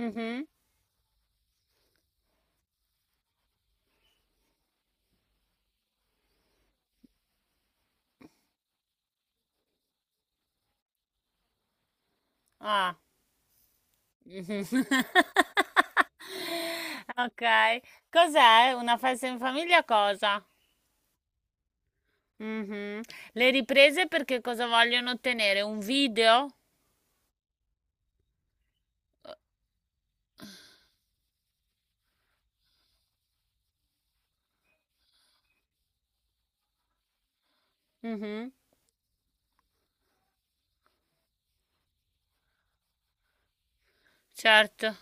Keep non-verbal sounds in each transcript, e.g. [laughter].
Mh-mh. Ah. Mh-mh. [laughs] Okay. Cos'è? Una festa in famiglia cosa? Mh-mh. Le riprese perché cosa vogliono ottenere? Un video? Mh-mh. Certo.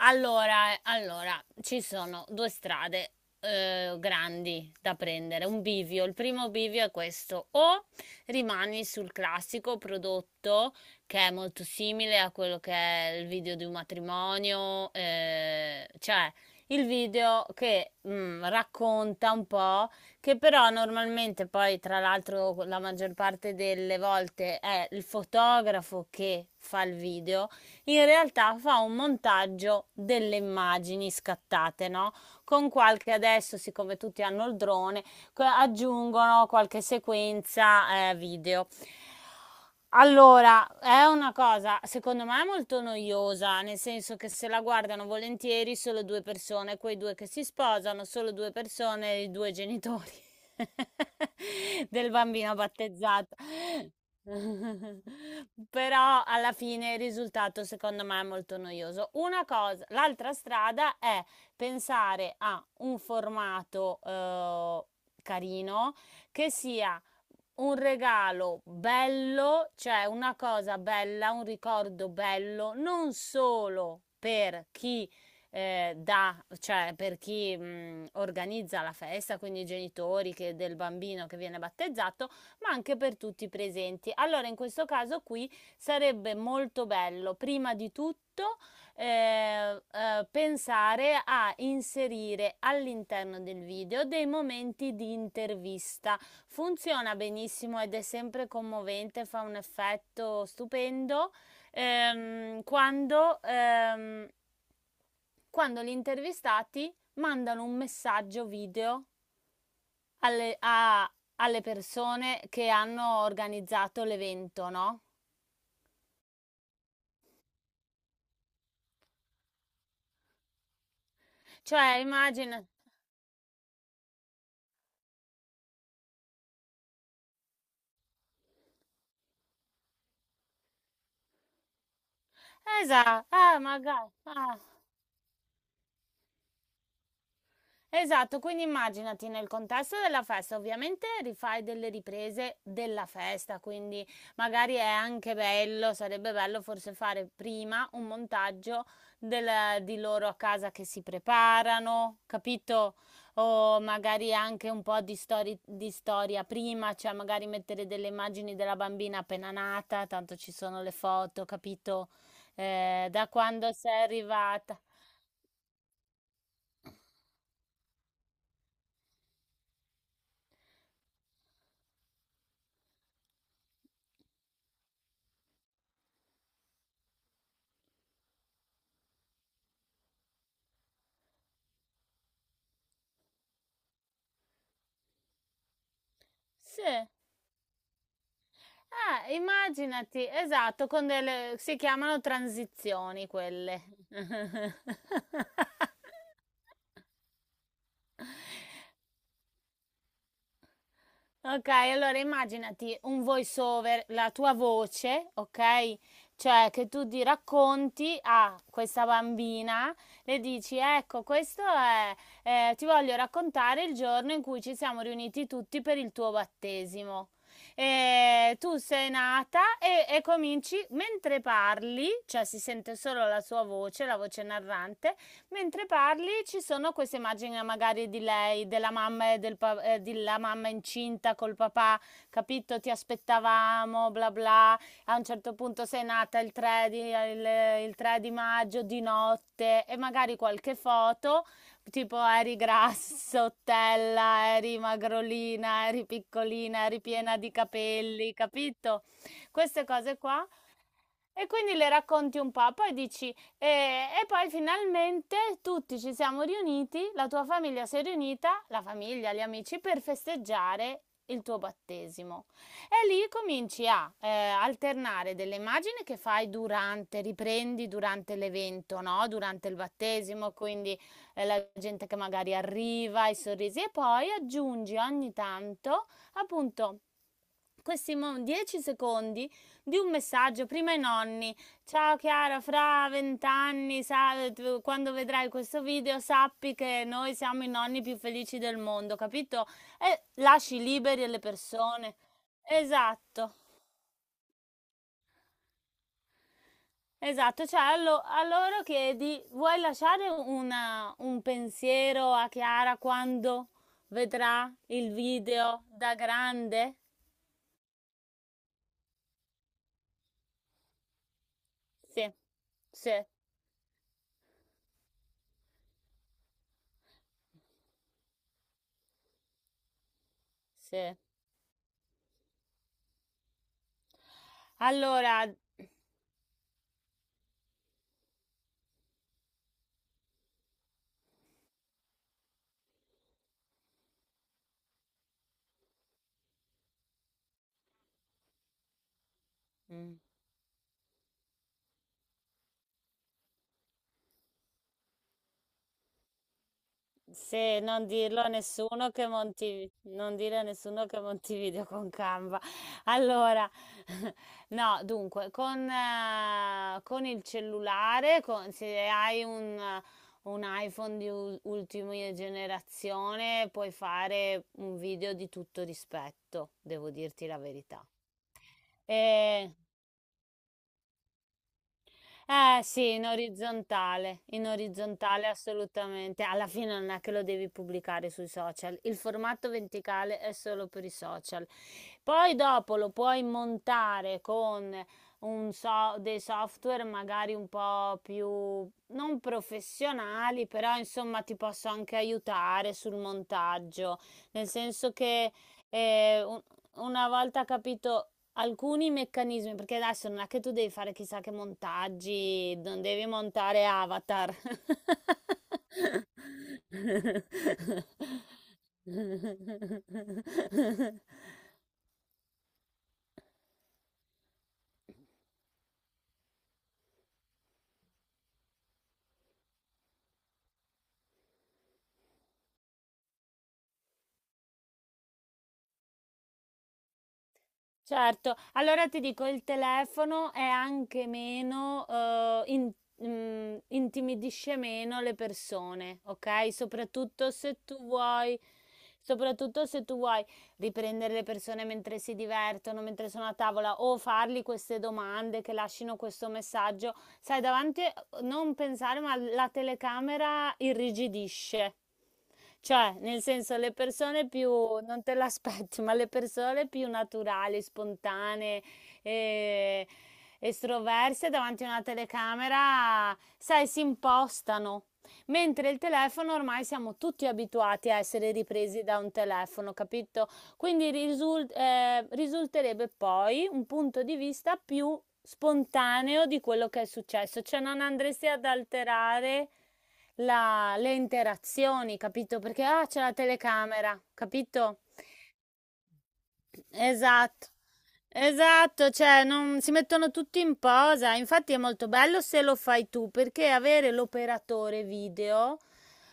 Allora, ci sono 2 strade, grandi da prendere, un bivio. Il primo bivio è questo: o rimani sul classico prodotto che è molto simile a quello che è il video di un matrimonio, cioè il video che, racconta un po', che però normalmente poi tra l'altro la maggior parte delle volte è il fotografo che fa il video, in realtà fa un montaggio delle immagini scattate, no? Con qualche, adesso siccome tutti hanno il drone, aggiungono qualche sequenza video. Allora, è una cosa secondo me molto noiosa, nel senso che se la guardano volentieri solo due persone, quei due che si sposano, solo due persone, i due genitori [laughs] del bambino battezzato. [laughs] Però alla fine il risultato secondo me è molto noioso. Una cosa, l'altra strada è pensare a un formato carino, che sia un regalo bello, cioè una cosa bella, un ricordo bello, non solo per chi cioè per chi organizza la festa, quindi i genitori del bambino che viene battezzato, ma anche per tutti i presenti. Allora, in questo caso qui sarebbe molto bello, prima di tutto, eh, eh, pensare a inserire all'interno del video dei momenti di intervista. Funziona benissimo ed è sempre commovente, fa un effetto stupendo, ehm, quando, ehm, quando gli intervistati mandano un messaggio video alle, a- alle persone che hanno organizzato l'evento, no? Cioè, immagina, esatto, ah, magari, ah. Esatto, quindi immaginati nel contesto della festa, ovviamente rifai delle riprese della festa, quindi magari è anche bello, sarebbe bello forse fare prima un montaggio di loro a casa che si preparano, capito? O magari anche un po' di storia prima, cioè magari mettere delle immagini della bambina appena nata, tanto ci sono le foto, capito? Da quando sei arrivata. Sì. Immaginati, esatto, con delle, si chiamano transizioni quelle. [laughs] Okay, allora immaginati un voice over, la tua voce, okay, cioè che tu ti racconti a questa bambina, le dici: "Ecco, questo è ti voglio raccontare il giorno in cui ci siamo riuniti tutti per il tuo battesimo. Tu sei nata" e cominci mentre parli, cioè si sente solo la sua voce, la voce narrante. Mentre parli ci sono queste immagini magari di lei, della mamma e del della mamma incinta col papà, capito? Ti aspettavamo, bla bla. A un certo punto sei nata il il 3 di maggio di notte, e magari qualche foto, tipo eri grassottella, eri magrolina, eri piccolina, eri piena di capelli, capito? Queste cose qua, e quindi le racconti un po', poi dici, e poi finalmente tutti ci siamo riuniti, la tua famiglia si è riunita, la famiglia, gli amici, per festeggiare il tuo battesimo. E lì cominci a alternare delle immagini che fai durante, riprendi durante l'evento, no? Durante il battesimo, quindi la gente che magari arriva, i sorrisi, e poi aggiungi ogni tanto, appunto, questi 10 secondi di un messaggio prima ai nonni. Ciao Chiara, fra 20 anni, quando vedrai questo video, sappi che noi siamo i nonni più felici del mondo, capito? E lasci liberi le persone. Esatto, esatto. Cioè, a loro chiedi, vuoi lasciare un pensiero a Chiara quando vedrà il video da grande? Sì, sì, sì. Allora, mm. Se non dirlo a nessuno che non dire a nessuno che Montevideo con Canva. Allora, [laughs] no, dunque, con il cellulare, se hai un iPhone di ultima generazione, puoi fare un video di tutto rispetto, devo dirti la verità. Eh sì, in orizzontale assolutamente. Alla fine non è che lo devi pubblicare sui social, il formato verticale è solo per i social. Poi dopo lo puoi montare con dei software magari un po' più non professionali, però insomma ti posso anche aiutare sul montaggio, nel senso che eh, un- una volta capito alcuni meccanismi, perché adesso non è che tu devi fare chissà che montaggi, non devi montare Avatar. [laughs] Certo, allora ti dico, il telefono è anche meno, intimidisce meno le persone, ok? Soprattutto se tu vuoi riprendere le persone mentre si divertono, mentre sono a tavola, o fargli queste domande che lasciano questo messaggio, sai, davanti, non pensare, ma la telecamera irrigidisce. Cioè, nel senso, non te l'aspetti, [laughs] ma le persone più naturali, spontanee, eh, estroverse davanti a una telecamera, sai, si impostano. Mentre il telefono ormai siamo tutti abituati a essere ripresi da un telefono, capito? Quindi risulterebbe poi un punto di vista più spontaneo di quello che è successo, cioè non andresti ad alterare le interazioni, capito? Perché ah, c'è la telecamera, capito? Esatto. Esatto, cioè non si mettono tutti in posa, infatti è molto bello se lo fai tu, perché avere l'operatore video,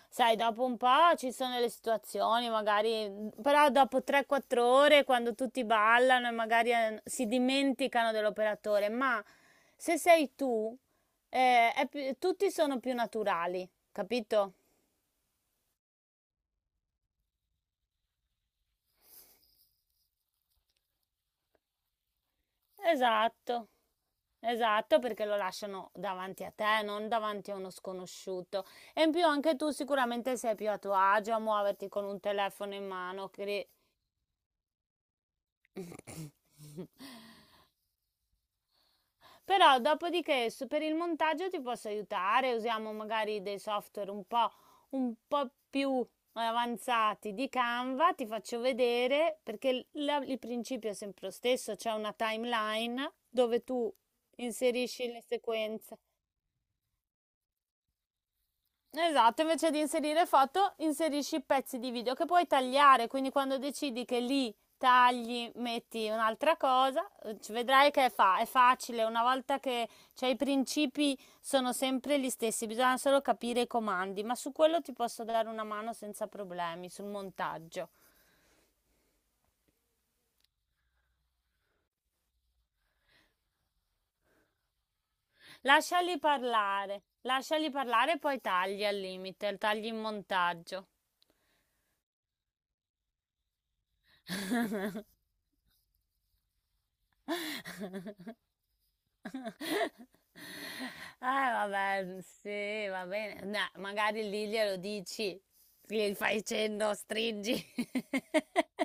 sai, dopo un po' ci sono le situazioni, magari, però dopo 3-4 ore, quando tutti ballano e magari si dimenticano dell'operatore, ma se sei tu, tutti sono più naturali, capito? Esatto, esatto, perché lo lasciano davanti a te, non davanti a uno sconosciuto. E in più anche tu sicuramente sei più a tuo agio a muoverti con un telefono in mano. [laughs] [coughs] Però dopodiché per il montaggio ti posso aiutare, usiamo magari dei software un po' più avanzati di Canva, ti faccio vedere perché il principio è sempre lo stesso, c'è una timeline dove tu inserisci le sequenze. Esatto, invece di inserire foto, inserisci pezzi di video che puoi tagliare, quindi quando decidi che lì tagli, metti un'altra cosa, ci vedrai che è facile, una volta che, cioè, i principi sono sempre gli stessi, bisogna solo capire i comandi, ma su quello ti posso dare una mano senza problemi, sul montaggio. Lasciali parlare e poi tagli al limite, tagli in montaggio. [laughs] Eh vabbè, sì, va bene. No, magari lì glielo dici, gli fai cenno, stringi. [laughs]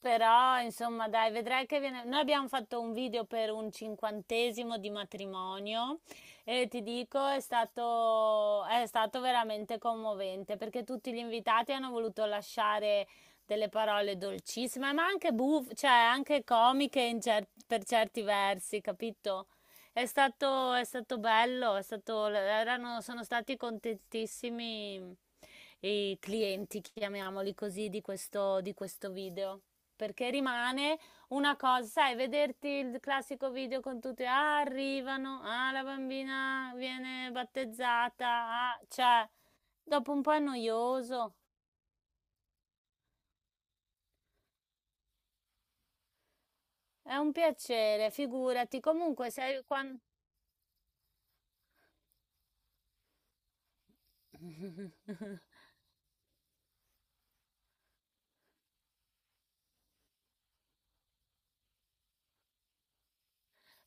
Però, insomma, dai, vedrai che viene... Noi abbiamo fatto un video per un 50º di matrimonio, e ti dico, è stato veramente commovente perché tutti gli invitati hanno voluto lasciare delle parole dolcissime, ma anche buffe, cioè anche comiche in per certi versi, capito? È stato bello, è stato, erano, sono stati contentissimi i clienti, chiamiamoli così, di di questo video. Perché rimane una cosa, sai, vederti il classico video con tutti, ah, arrivano, ah, la bambina viene battezzata, ah, cioè, dopo un po' è noioso. È un piacere, figurati. Comunque, se quan- [laughs]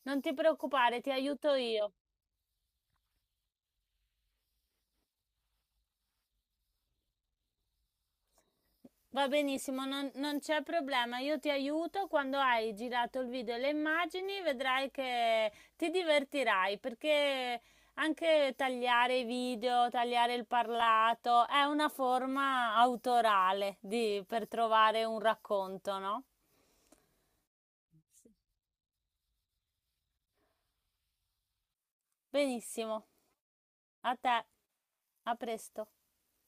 Non ti preoccupare, ti aiuto io. Va benissimo, non c'è problema. Io ti aiuto quando hai girato il video e le immagini, vedrai che ti divertirai perché anche tagliare i video, tagliare il parlato è una forma autorale per trovare un racconto, no? Benissimo, a te, a presto.